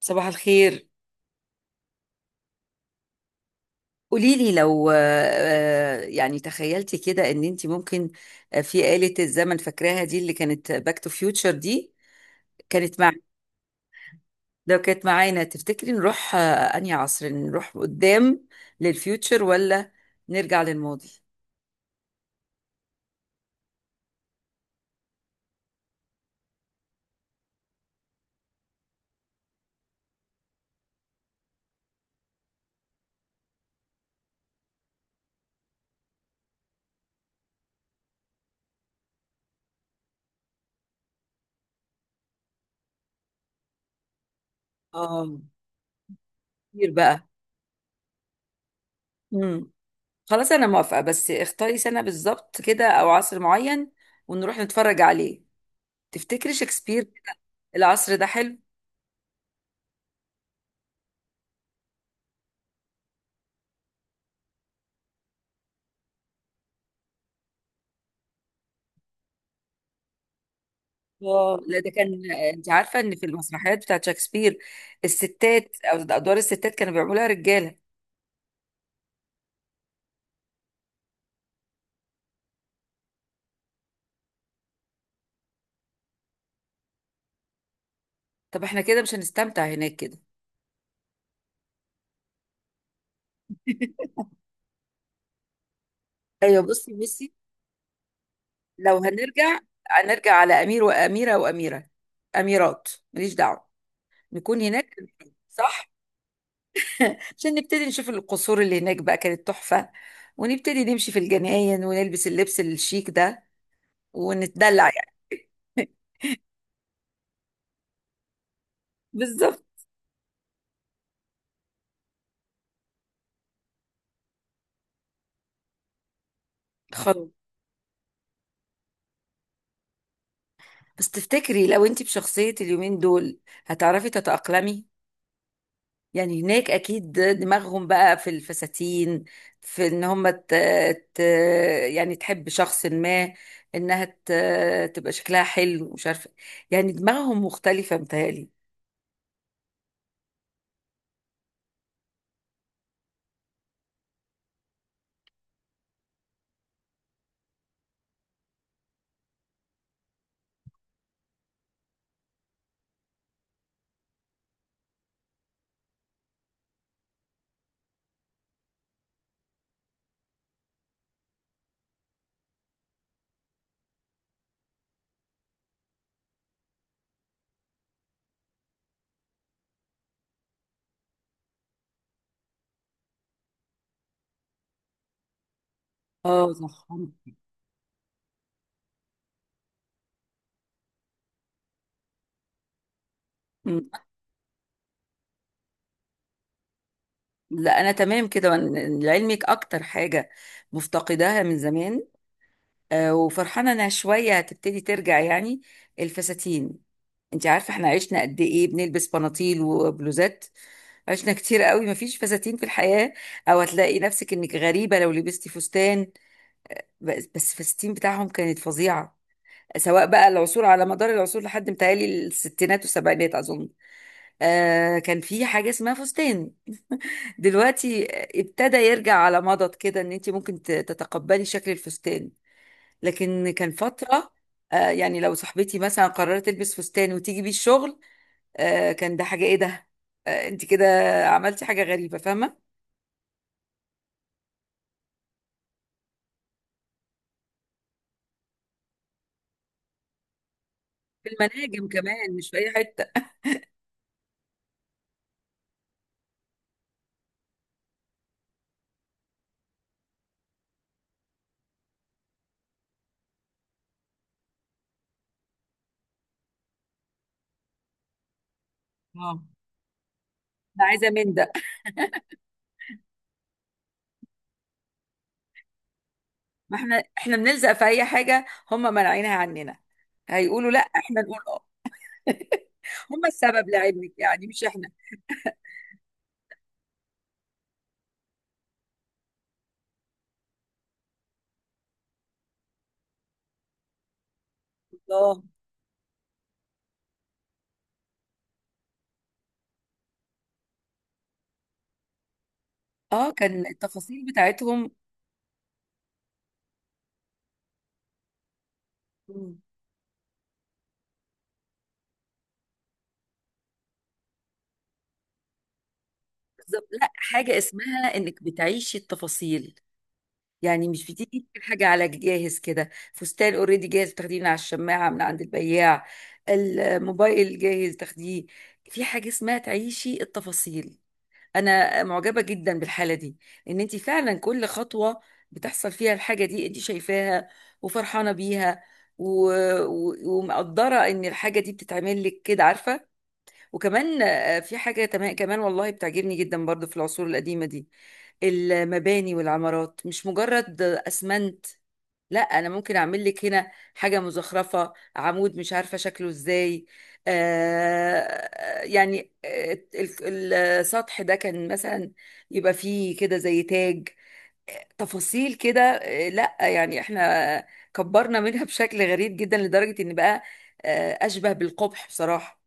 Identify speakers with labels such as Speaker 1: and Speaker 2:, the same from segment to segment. Speaker 1: صباح الخير. قولي لي لو يعني تخيلتي كده ان انت ممكن، في آلة الزمن فاكراها دي اللي كانت باك تو فيوتشر دي كانت مع. لو كانت معانا تفتكري نروح انهي عصر؟ نروح قدام للفيوتشر ولا نرجع للماضي؟ اه، كتير بقى. امم خلاص، انا موافقة بس اختاري سنة بالظبط كده او عصر معين ونروح نتفرج عليه. تفتكري شكسبير؟ العصر ده حلو. اه لا، ده كان انت عارفه ان في المسرحيات بتاعت شكسبير الستات او ادوار الستات كانوا بيعملوها رجاله. طب احنا كده مش هنستمتع هناك كده. ايوه، بصي بصي. لو هنرجع هنرجع على امير واميره واميره، اميرات ماليش دعوه، نكون هناك. صح، عشان نبتدي نشوف القصور اللي هناك بقى كانت تحفه ونبتدي نمشي في الجناين ونلبس اللبس الشيك ده ونتدلع يعني. بالظبط. خلاص، بس تفتكري لو انت بشخصيه اليومين دول هتعرفي تتاقلمي؟ يعني هناك اكيد دماغهم بقى في الفساتين، في ان هم ت... يعني تحب شخص ما، انها تبقى شكلها حلو، مش عارفه. يعني دماغهم مختلفه متهيألي. اه، صح. مم. لا، انا تمام كده لعلمك اكتر حاجه مفتقداها من زمان، وفرحانه انها شويه هتبتدي ترجع يعني الفساتين. انت عارفه احنا عشنا قد ايه بنلبس بناطيل وبلوزات؟ عشنا كتير قوي مفيش فساتين في الحياة، او هتلاقي نفسك انك غريبة لو لبستي فستان. بس بس الفساتين بتاعهم كانت فظيعة، سواء بقى العصور على مدار العصور لحد متهيألي الستينات والسبعينات أظن. آه، كان في حاجة اسمها فستان. دلوقتي ابتدى يرجع على مضض كده، إن أنت ممكن تتقبلي شكل الفستان، لكن كان فترة آه، يعني لو صاحبتي مثلا قررت تلبس فستان وتيجي بيه الشغل، آه كان ده حاجة، إيه ده، آه أنت كده عملتي حاجة غريبة، فاهمة؟ في المناجم كمان، مش في اي حته. اه، انا عايزه من ده. ما احنا بنلزق في اي حاجه، هم منعينها عننا. هيقولوا لا احنا نقول اه. هم السبب لعلمك، يعني مش احنا. الله. اه، كان التفاصيل بتاعتهم. مم. بالظبط، لا حاجه اسمها انك بتعيشي التفاصيل، يعني مش بتيجي تجيب الحاجه على جاهز كده، فستان اوريدي جاهز تاخديه من على الشماعه من عند البياع، الموبايل جاهز تاخديه. في حاجه اسمها تعيشي التفاصيل. انا معجبه جدا بالحاله دي، ان انت فعلا كل خطوه بتحصل فيها الحاجه دي انت شايفاها وفرحانه بيها و... ومقدره ان الحاجه دي بتتعمل لك كده، عارفه؟ وكمان في حاجه كمان والله بتعجبني جدا برضو في العصور القديمه دي، المباني والعمارات مش مجرد اسمنت. لا، انا ممكن اعمل لك هنا حاجه مزخرفه، عمود مش عارفه شكله ازاي، آه يعني السطح ده كان مثلا يبقى فيه كده زي تاج، تفاصيل كده. آه، لا يعني احنا كبرنا منها بشكل غريب جدا، لدرجه ان بقى اشبه بالقبح بصراحه.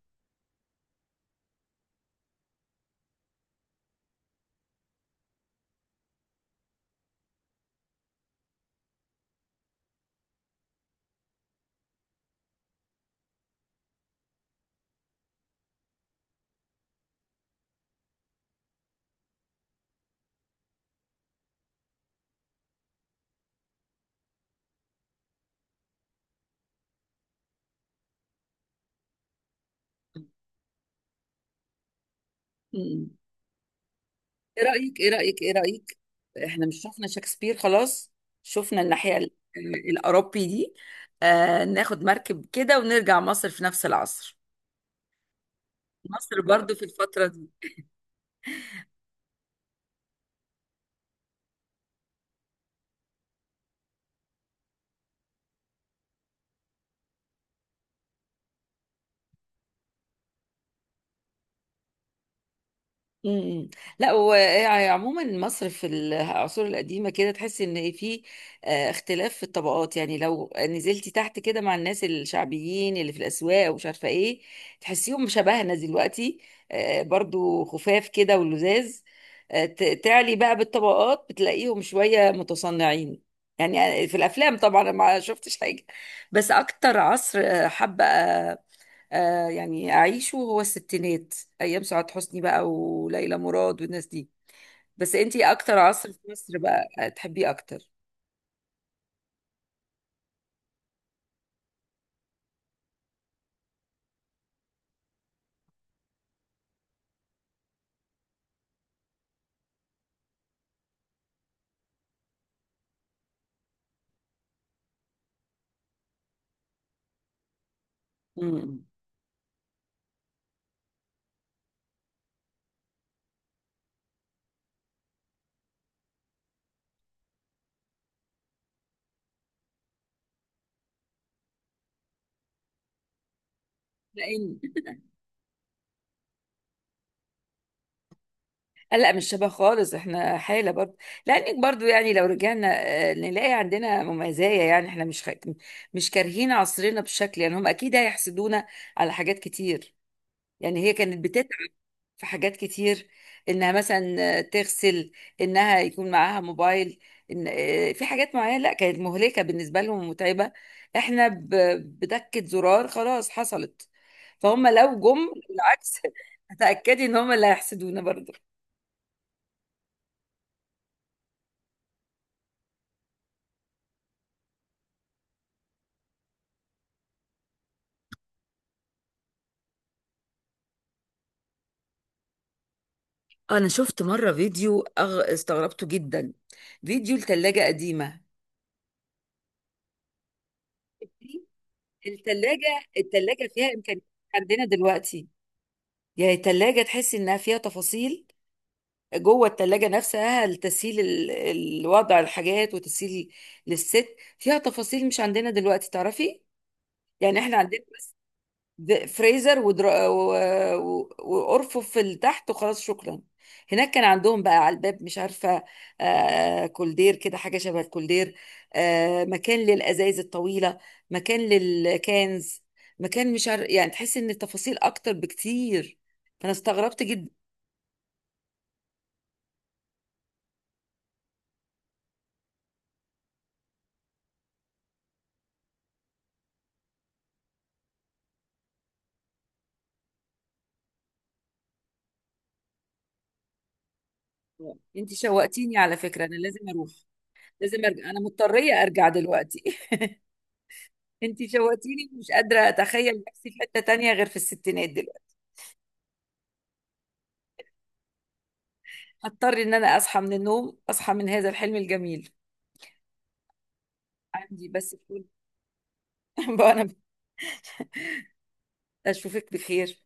Speaker 1: ايه رأيك، ايه رأيك، ايه رأيك؟ احنا مش شفنا شكسبير خلاص؟ شفنا الناحية الأوروبي دي. آه، ناخد مركب كده ونرجع مصر في نفس العصر، مصر برضو في الفترة دي. امم، لا وعموما مصر في العصور القديمه كده تحس ان في آه، اختلاف في الطبقات يعني لو نزلتي تحت كده مع الناس الشعبيين اللي في الاسواق ومش عارفه ايه تحسيهم شبهنا دلوقتي آه، برضو خفاف كده ولذاذ آه، ت- تعلي بقى بالطبقات بتلاقيهم شويه متصنعين يعني آه، في الافلام طبعا أنا ما شفتش حاجه بس اكتر عصر آه، حابه آه يعني اعيشه هو الستينات ايام سعاد حسني بقى وليلى مراد والناس دي بس انتي اكتر عصر في مصر بقى تحبيه اكتر امم لان لا لا، مش شبه خالص. احنا حاله برضه، لانك برضه يعني لو رجعنا نلاقي عندنا مميزايه، يعني احنا مش مش كارهين عصرنا بشكل، يعني هم اكيد هيحسدونا على حاجات كتير. يعني هي كانت في حاجات كتير، انها مثلا تغسل، انها يكون معاها موبايل، إن في حاجات معينة لا كانت مهلكة بالنسبة لهم ومتعبة. احنا بدكة زرار خلاص حصلت. فهم لو جم بالعكس اتأكدي ان هم اللي هيحسدونا برضه. انا شفت مرة فيديو استغربته جدا، فيديو لثلاجة قديمة. الثلاجة، الثلاجة فيها امكانيات عندنا دلوقتي، يعني الثلاجة تحس انها فيها تفاصيل جوه التلاجة نفسها لتسهيل الوضع الحاجات وتسهيل للست، فيها تفاصيل مش عندنا دلوقتي تعرفي؟ يعني احنا عندنا فريزر وارفف اللي تحت وخلاص شكرا. هناك كان عندهم بقى على الباب مش عارفة آه كولدير كده، حاجة شبه الكولدير. آه، مكان للأزايز الطويلة، مكان للكانز، مكان مش عارف. يعني تحس ان التفاصيل اكتر بكتير، فانا استغربت جدا. انت شوقتيني على فكرة، انا لازم اروح، لازم ارجع، انا مضطريه ارجع دلوقتي. انت شوقتيني، مش قادره اتخيل نفسي في حته تانية غير في الستينات دلوقتي. هضطر ان انا اصحى من النوم، اصحى من هذا الحلم الجميل. عندي بس فول. بقى انا اشوفك بخير.